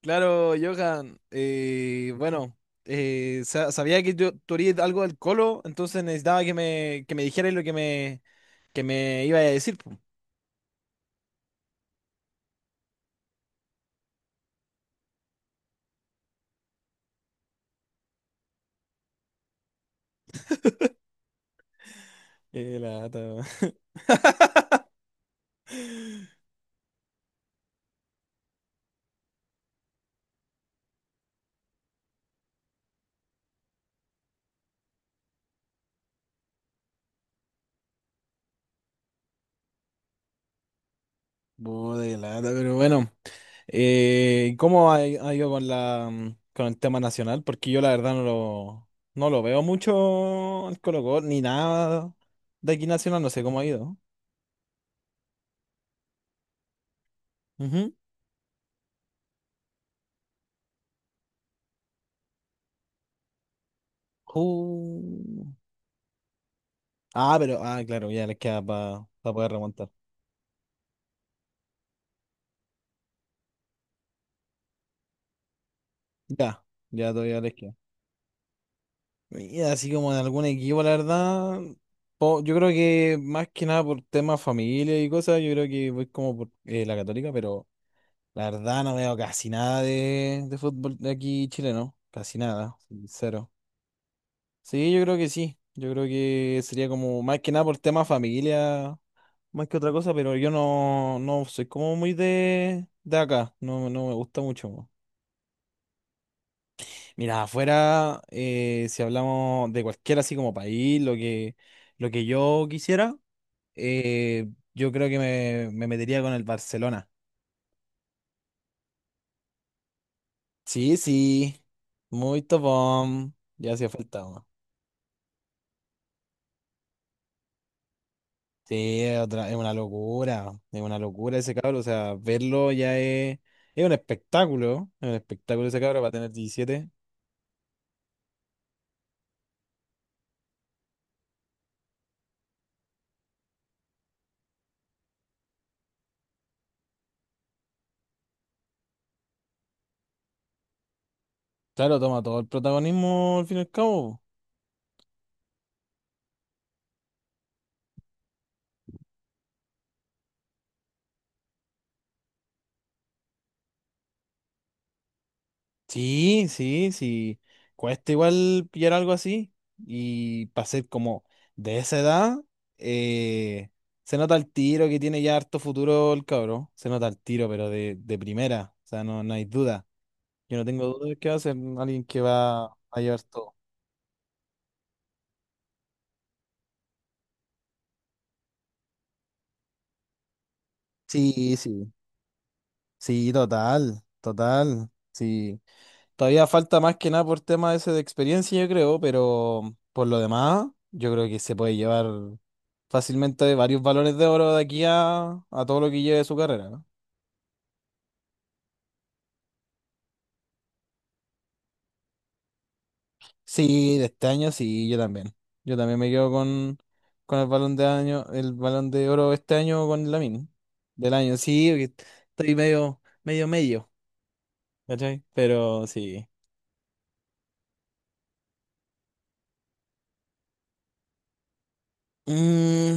Claro, Johan. Bueno, sabía que tú harías algo del Colo, entonces necesitaba que que me dijeras lo que que me iba a decir, po. Qué lata. Puta, qué lata, pero bueno. ¿Cómo ha ido con con el tema nacional? Porque yo la verdad no lo veo mucho el Colo Colo, ni nada de aquí nacional, no sé cómo ha ido. Ujú. Uh. Ah, pero, claro, ya les queda para poder remontar. Ya, ya todavía les queda. Y así como en algún equipo, la verdad, yo creo que más que nada por temas familia y cosas, yo creo que voy como por la Católica, pero la verdad no veo casi nada de fútbol de aquí chileno, casi nada, cero. Sí, yo creo que sí, yo creo que sería como más que nada por temas familia, más que otra cosa, pero yo no, no soy como muy de acá, no, no me gusta mucho. Mira, afuera, si hablamos de cualquier así como país, lo que yo quisiera, eh, yo creo que me metería con el Barcelona. Sí, sí, muy topón, ya hacía falta, weón. Sí, es otra, es una locura ese cabro, o sea, verlo ya es un espectáculo ese cabro, va a tener 17. Claro, toma todo el protagonismo al fin y al cabo. Sí, sí, sí. Cuesta igual pillar algo así. Y para ser como de esa edad, eh, se nota el tiro que tiene ya harto futuro el cabrón. Se nota el tiro, pero de primera. O sea, no, no hay duda. Yo no tengo duda de que va a ser alguien que va a llevar todo. Sí, sí. Sí, total, total. Sí. Todavía falta más que nada por tema ese de experiencia, yo creo, pero por lo demás, yo creo que se puede llevar fácilmente varios balones de oro de aquí a todo lo que lleve su carrera, ¿no? Sí, de este año sí, yo también. Yo también me quedo con el balón de año, el balón de oro este año con Lamine. Del año, sí, porque estoy medio, medio, medio, ¿cachai? Pero sí. Mm,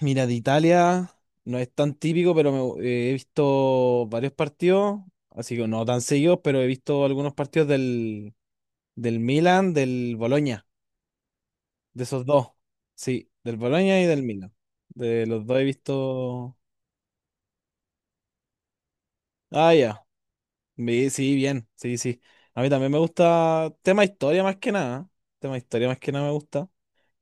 mira, de Italia no es tan típico, pero he visto varios partidos, así que no tan seguidos, pero he visto algunos partidos del, del Milan, del Boloña, de esos dos. Sí, del Boloña y del Milan. De los dos he visto. Ah, ya. Sí, bien, sí, sí. A mí también me gusta tema historia más que nada. Tema historia más que nada me gusta.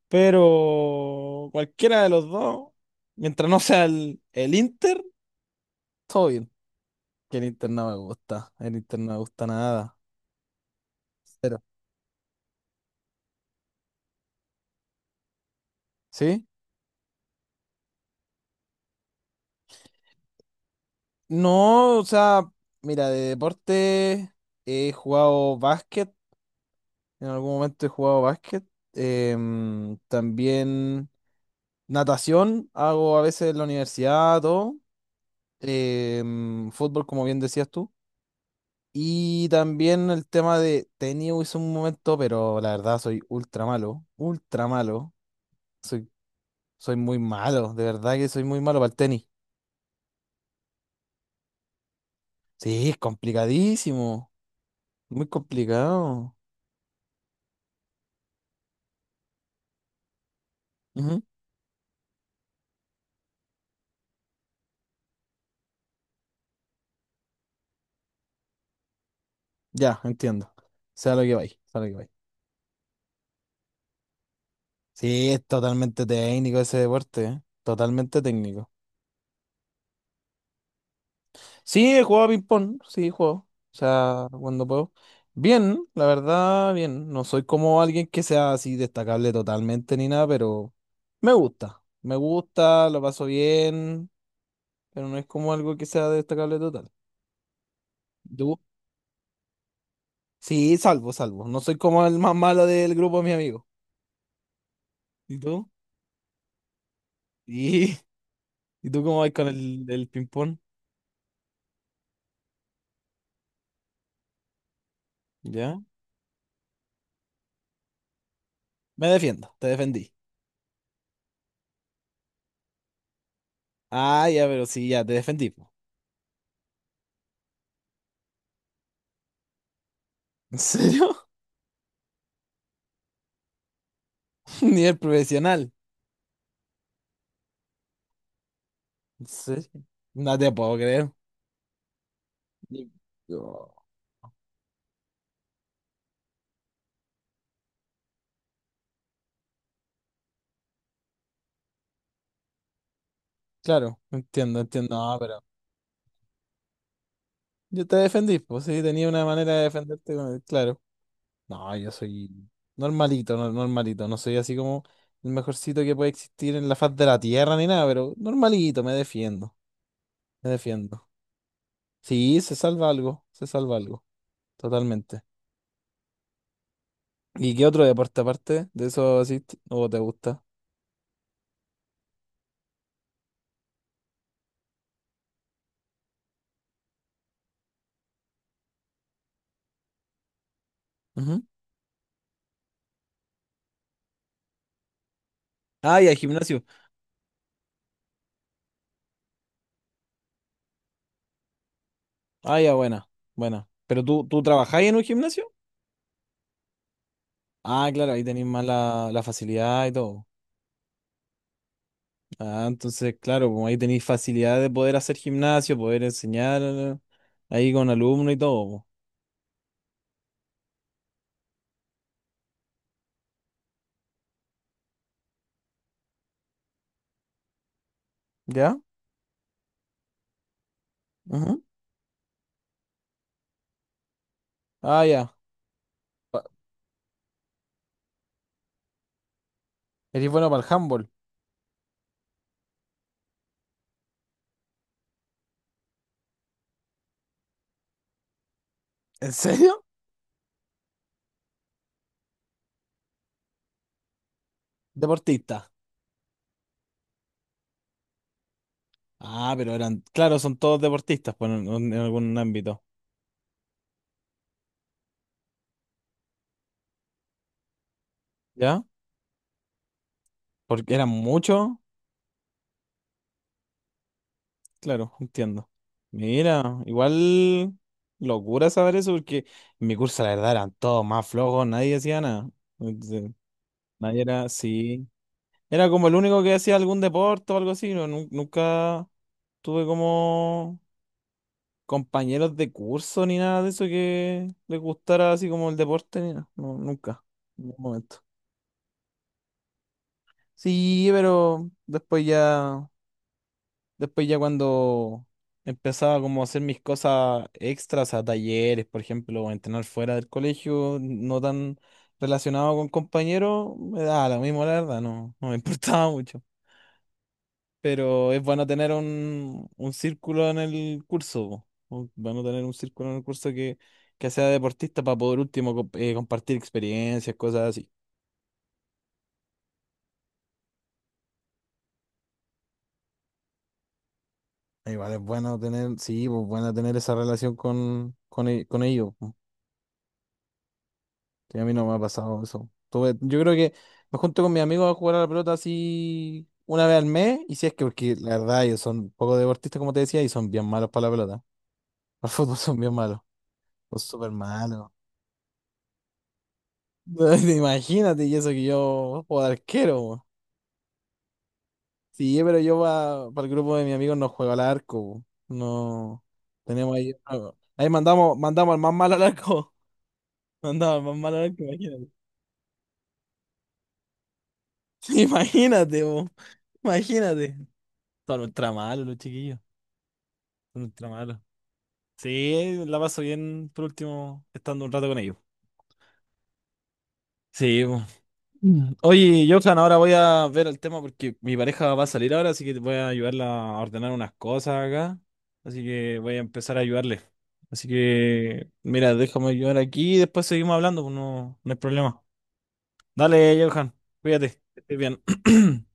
Pero cualquiera de los dos, mientras no sea el Inter, todo bien. Que el Inter no me gusta. El Inter no me gusta nada. Cero. ¿Sí? No, o sea, mira, de deporte he jugado básquet. En algún momento he jugado básquet. También natación hago a veces en la universidad, todo. Fútbol, como bien decías tú. Y también el tema de tenis hice un momento, pero la verdad soy ultra malo. Ultra malo. Soy, soy muy malo. De verdad que soy muy malo para el tenis. Sí, es complicadísimo. Muy complicado. Ujú. Ya, entiendo. Sea lo que vais, sea lo que vais. Sí, es totalmente técnico ese deporte, ¿eh? Totalmente técnico. Sí, he jugado a ping-pong, sí, he jugado. O sea, cuando puedo. Bien, la verdad, bien. No soy como alguien que sea así destacable totalmente ni nada, pero me gusta. Me gusta, lo paso bien, pero no es como algo que sea destacable total. ¿Tú? Sí, salvo, salvo. No soy como el más malo del grupo de mis amigos. ¿Y tú? ¿Y, ¿y tú cómo vas con el ping-pong? ¿Ya? Me defiendo, te defendí. Ah, ya, pero sí, ya, te defendí, po. ¿En serio? Nivel profesional. ¿En serio? No te puedo creer. Ni- Oh. Claro, entiendo, entiendo. No, pero yo te defendí, pues sí, tenía una manera de defenderte, claro. No, yo soy normalito, normalito. No soy así como el mejorcito que puede existir en la faz de la tierra ni nada, pero normalito, me defiendo, me defiendo. Sí, se salva algo, se salva algo. Totalmente. ¿Y qué otro deporte aparte de eso asiste o te gusta? Ujú. Ah, ya, gimnasio. Ah, ya, buena, buena. ¿Pero tú trabajáis en un gimnasio? Ah, claro, ahí tenéis más la facilidad y todo. Ah, entonces, claro, como ahí tenéis facilidad de poder hacer gimnasio, poder enseñar ahí con alumnos y todo, po. ¿Ya? Ujú. Ah, ya. Pa- Eres bueno para el handball. ¿En serio? Deportista. Ah, pero eran, claro, son todos deportistas pues, en algún ámbito. ¿Ya? Porque eran muchos. Claro, entiendo. Mira, igual locura saber eso porque en mi curso la verdad eran todos más flojos, nadie hacía nada. Entonces, nadie era, sí. Era como el único que hacía algún deporte o algo así. No, nunca tuve como compañeros de curso ni nada de eso que les gustara así como el deporte ni nada. No, nunca. En ningún momento. Sí, pero después ya. Después ya cuando empezaba como a hacer mis cosas extras a talleres, por ejemplo, o entrenar fuera del colegio, no tan relacionado con compañeros, me daba lo mismo, la verdad, no, no me importaba mucho. Pero es bueno tener un círculo en el curso, po. Bueno tener un círculo en el curso que sea deportista para poder último compartir experiencias, cosas así. Igual es bueno tener, sí, pues bueno tener esa relación con, con ellos. Sí, a mí no me ha pasado eso. Yo creo que me junto con mis amigos a jugar a la pelota así una vez al mes, y si es que, porque la verdad ellos son poco deportistas, como te decía, y son bien malos para la pelota. Al fútbol son bien malos, son súper malos. Imagínate, y eso que yo juego de arquero, po. Sí, pero yo para el grupo de mis amigos no juego al arco, po. No, tenemos ahí, no. Ahí mandamos, mandamos al más malo al arco. Mandamos al más malo al arco, imagínate. Imagínate, po. Imagínate. Son ultra malos los chiquillos. Son ultra malos. Sí, la paso bien por último estando un rato con ellos. Sí, po. Mm. Oye, Johan, ahora voy a ver el tema porque mi pareja va a salir ahora, así que voy a ayudarla a ordenar unas cosas acá. Así que voy a empezar a ayudarle. Así que, mira, déjame ayudar aquí y después seguimos hablando, pues no, no hay problema. Dale, Johan, cuídate, que estés bien.